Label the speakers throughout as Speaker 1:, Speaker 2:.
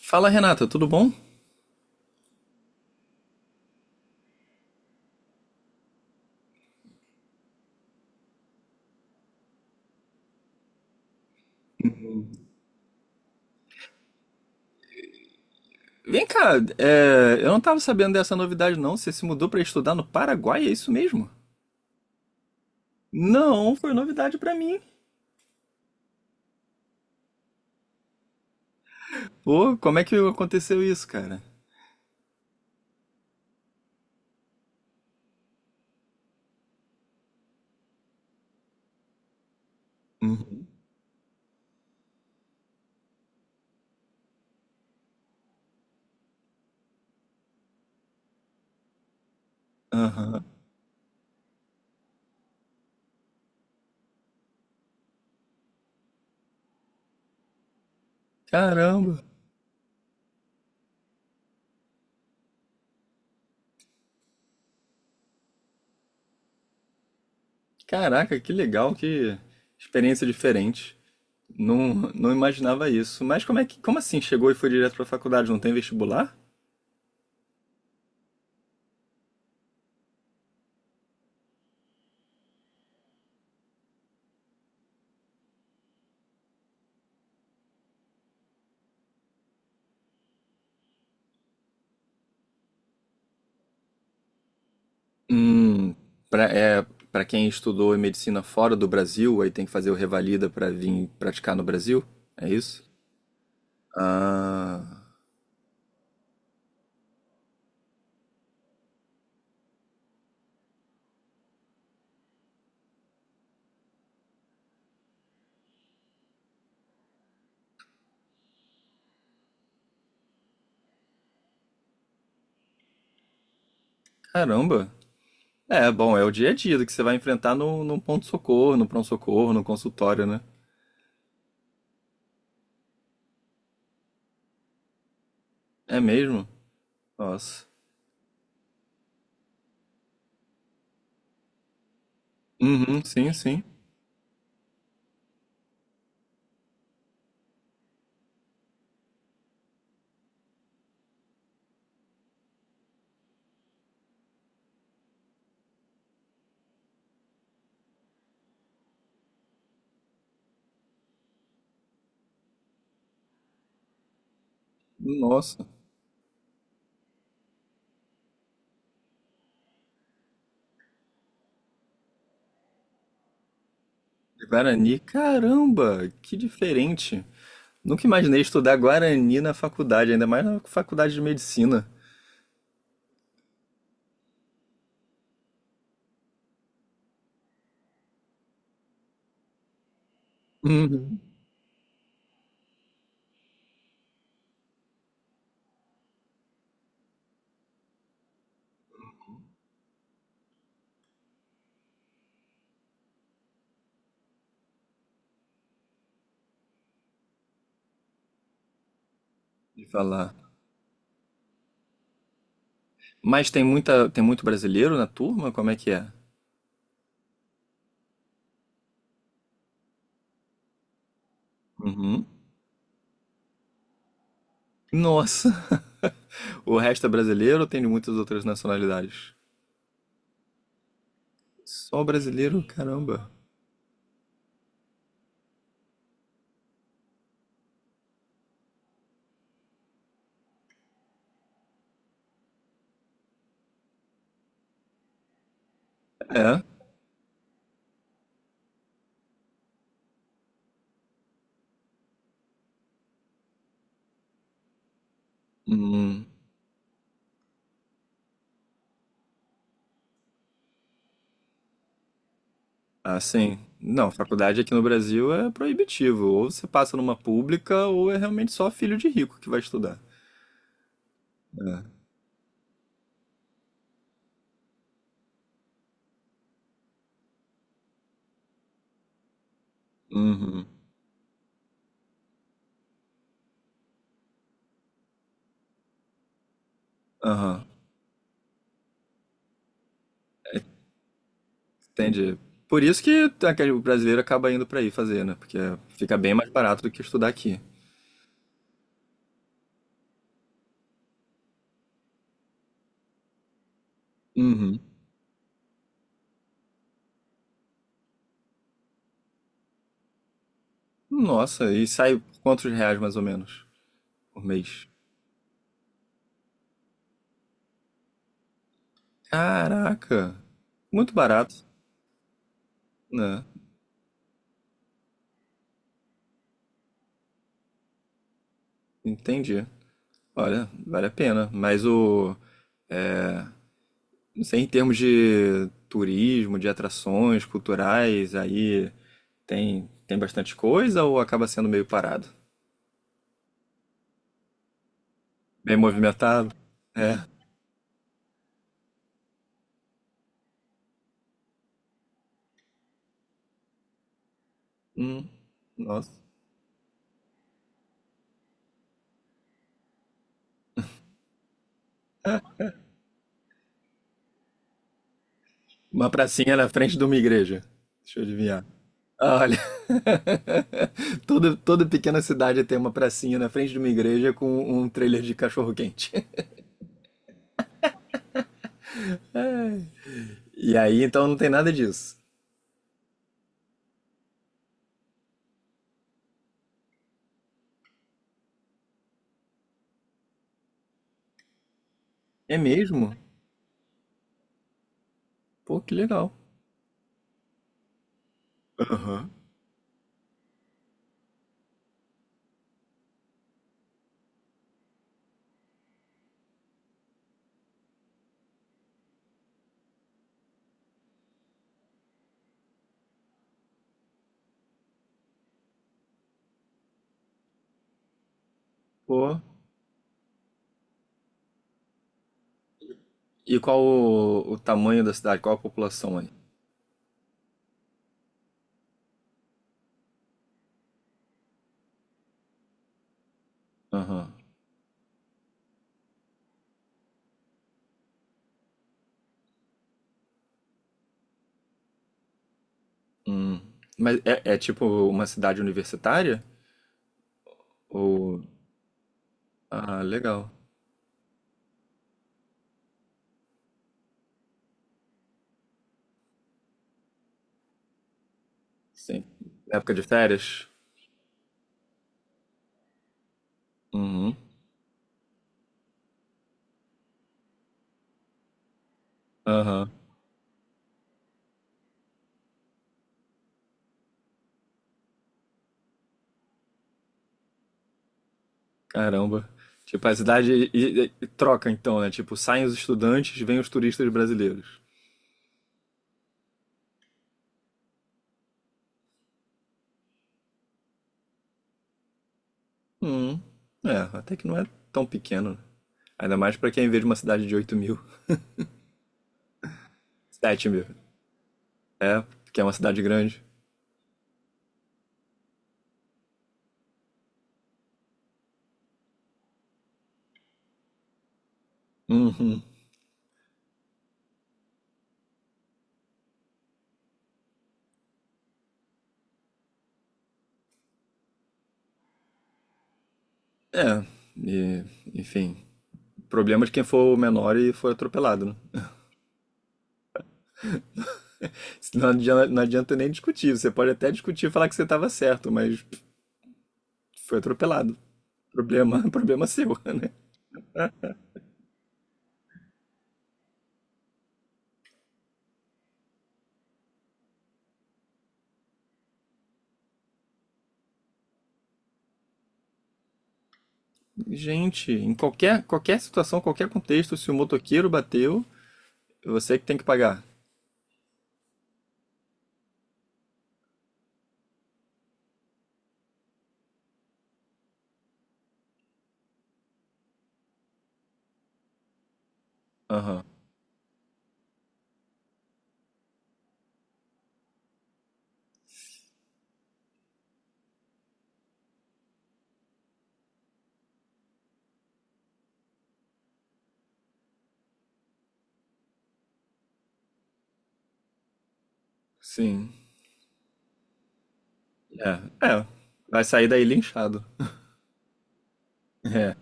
Speaker 1: Fala, Renata, tudo bom? Vem cá, eu não tava sabendo dessa novidade não. Você se mudou pra estudar no Paraguai, é isso mesmo? Não, foi novidade pra mim. Ô, como é que aconteceu isso, cara? Uhum. Aham. Caramba. Caraca, que legal, que experiência diferente. Não, não imaginava isso. Mas como assim chegou e foi direto pra faculdade? Não tem vestibular? Hum, para é, para quem estudou em medicina fora do Brasil, aí tem que fazer o revalida para vir praticar no Brasil? É isso? Ah, caramba. É, bom, é o dia a dia que você vai enfrentar no ponto-socorro, no pronto-socorro, no consultório, né? É mesmo? Nossa. Uhum, sim, sim. Nossa. Guarani, caramba, que diferente. Nunca imaginei estudar Guarani na faculdade, ainda mais na faculdade de medicina. Uhum. De falar. Mas tem muito brasileiro na turma? Como é que é? Uhum. Nossa! O resto é brasileiro ou tem de muitas outras nacionalidades? Só brasileiro? Caramba. É? Hum. Ah, sim. Não, faculdade aqui no Brasil é proibitivo. Ou você passa numa pública, ou é realmente só filho de rico que vai estudar. É. Uhum. Aham. Entendi. Por isso que aquele o brasileiro acaba indo pra aí fazer, né? Porque fica bem mais barato do que estudar aqui. Nossa, e sai por quantos reais mais ou menos por mês? Caraca, muito barato, né? Entendi. Olha, vale a pena. Não sei, em termos de turismo, de atrações culturais, aí tem bastante coisa ou acaba sendo meio parado? Bem movimentado? É. Hum, nossa. Uma pracinha na frente de uma igreja. Deixa eu adivinhar. Ah, olha, toda, toda pequena cidade tem uma pracinha na frente de uma igreja com um trailer de cachorro-quente. Ai. E aí, então, não tem nada disso. É mesmo? Pô, que legal. Aham. Pô. E qual o tamanho da cidade? Qual a população aí? Aham. Hum. Mas é, é tipo uma cidade universitária? Ou... Ah, legal. Sim. Época de férias? Uhum. Aham. Caramba. Tipo, a cidade e troca então, né? Tipo, saem os estudantes, vêm os turistas brasileiros. Hum, é, até que não é tão pequeno, né? Ainda mais pra quem vê de uma cidade de 8.000, 7.000. É, que é uma cidade grande. Uhum. É, e, enfim. Problema de quem for menor e for atropelado, né? Não adianta, não adianta nem discutir. Você pode até discutir e falar que você estava certo, mas pff, foi atropelado. Problema, problema seu, né? Gente, em qualquer, qualquer situação, qualquer contexto, se o motoqueiro bateu, é você que tem que pagar. Aham. Sim. É. É. Vai sair daí linchado. É.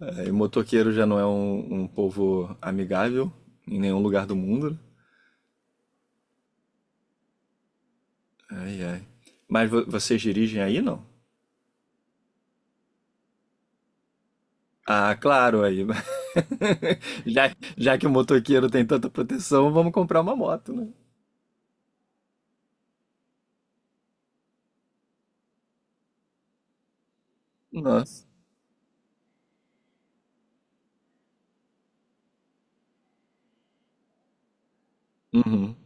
Speaker 1: Aí o motoqueiro já não é um povo amigável em nenhum lugar do mundo. Ai, ai. Mas vocês dirigem aí, não? Ah, claro, aí. Já, já que o motoqueiro tem tanta proteção, vamos comprar uma moto, né? Nossa. Uhum.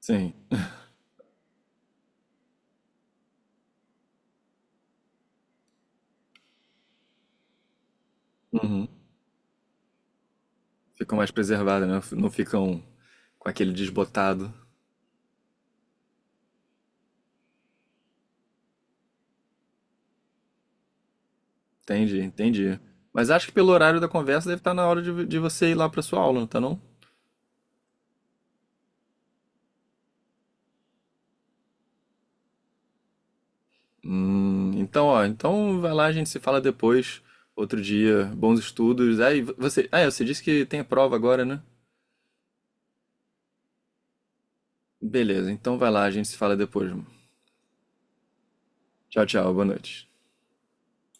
Speaker 1: Sim. Uhum. Ficam mais preservadas, né? Não ficam com aquele desbotado. Entendi, entendi. Mas acho que pelo horário da conversa deve estar na hora de você ir lá para sua aula, não tá não? Então, ó, então vai lá, a gente se fala depois, outro dia, bons estudos. Aí você, você disse que tem a prova agora, né? Beleza, então vai lá, a gente se fala depois. Mano. Tchau, tchau, boa noite.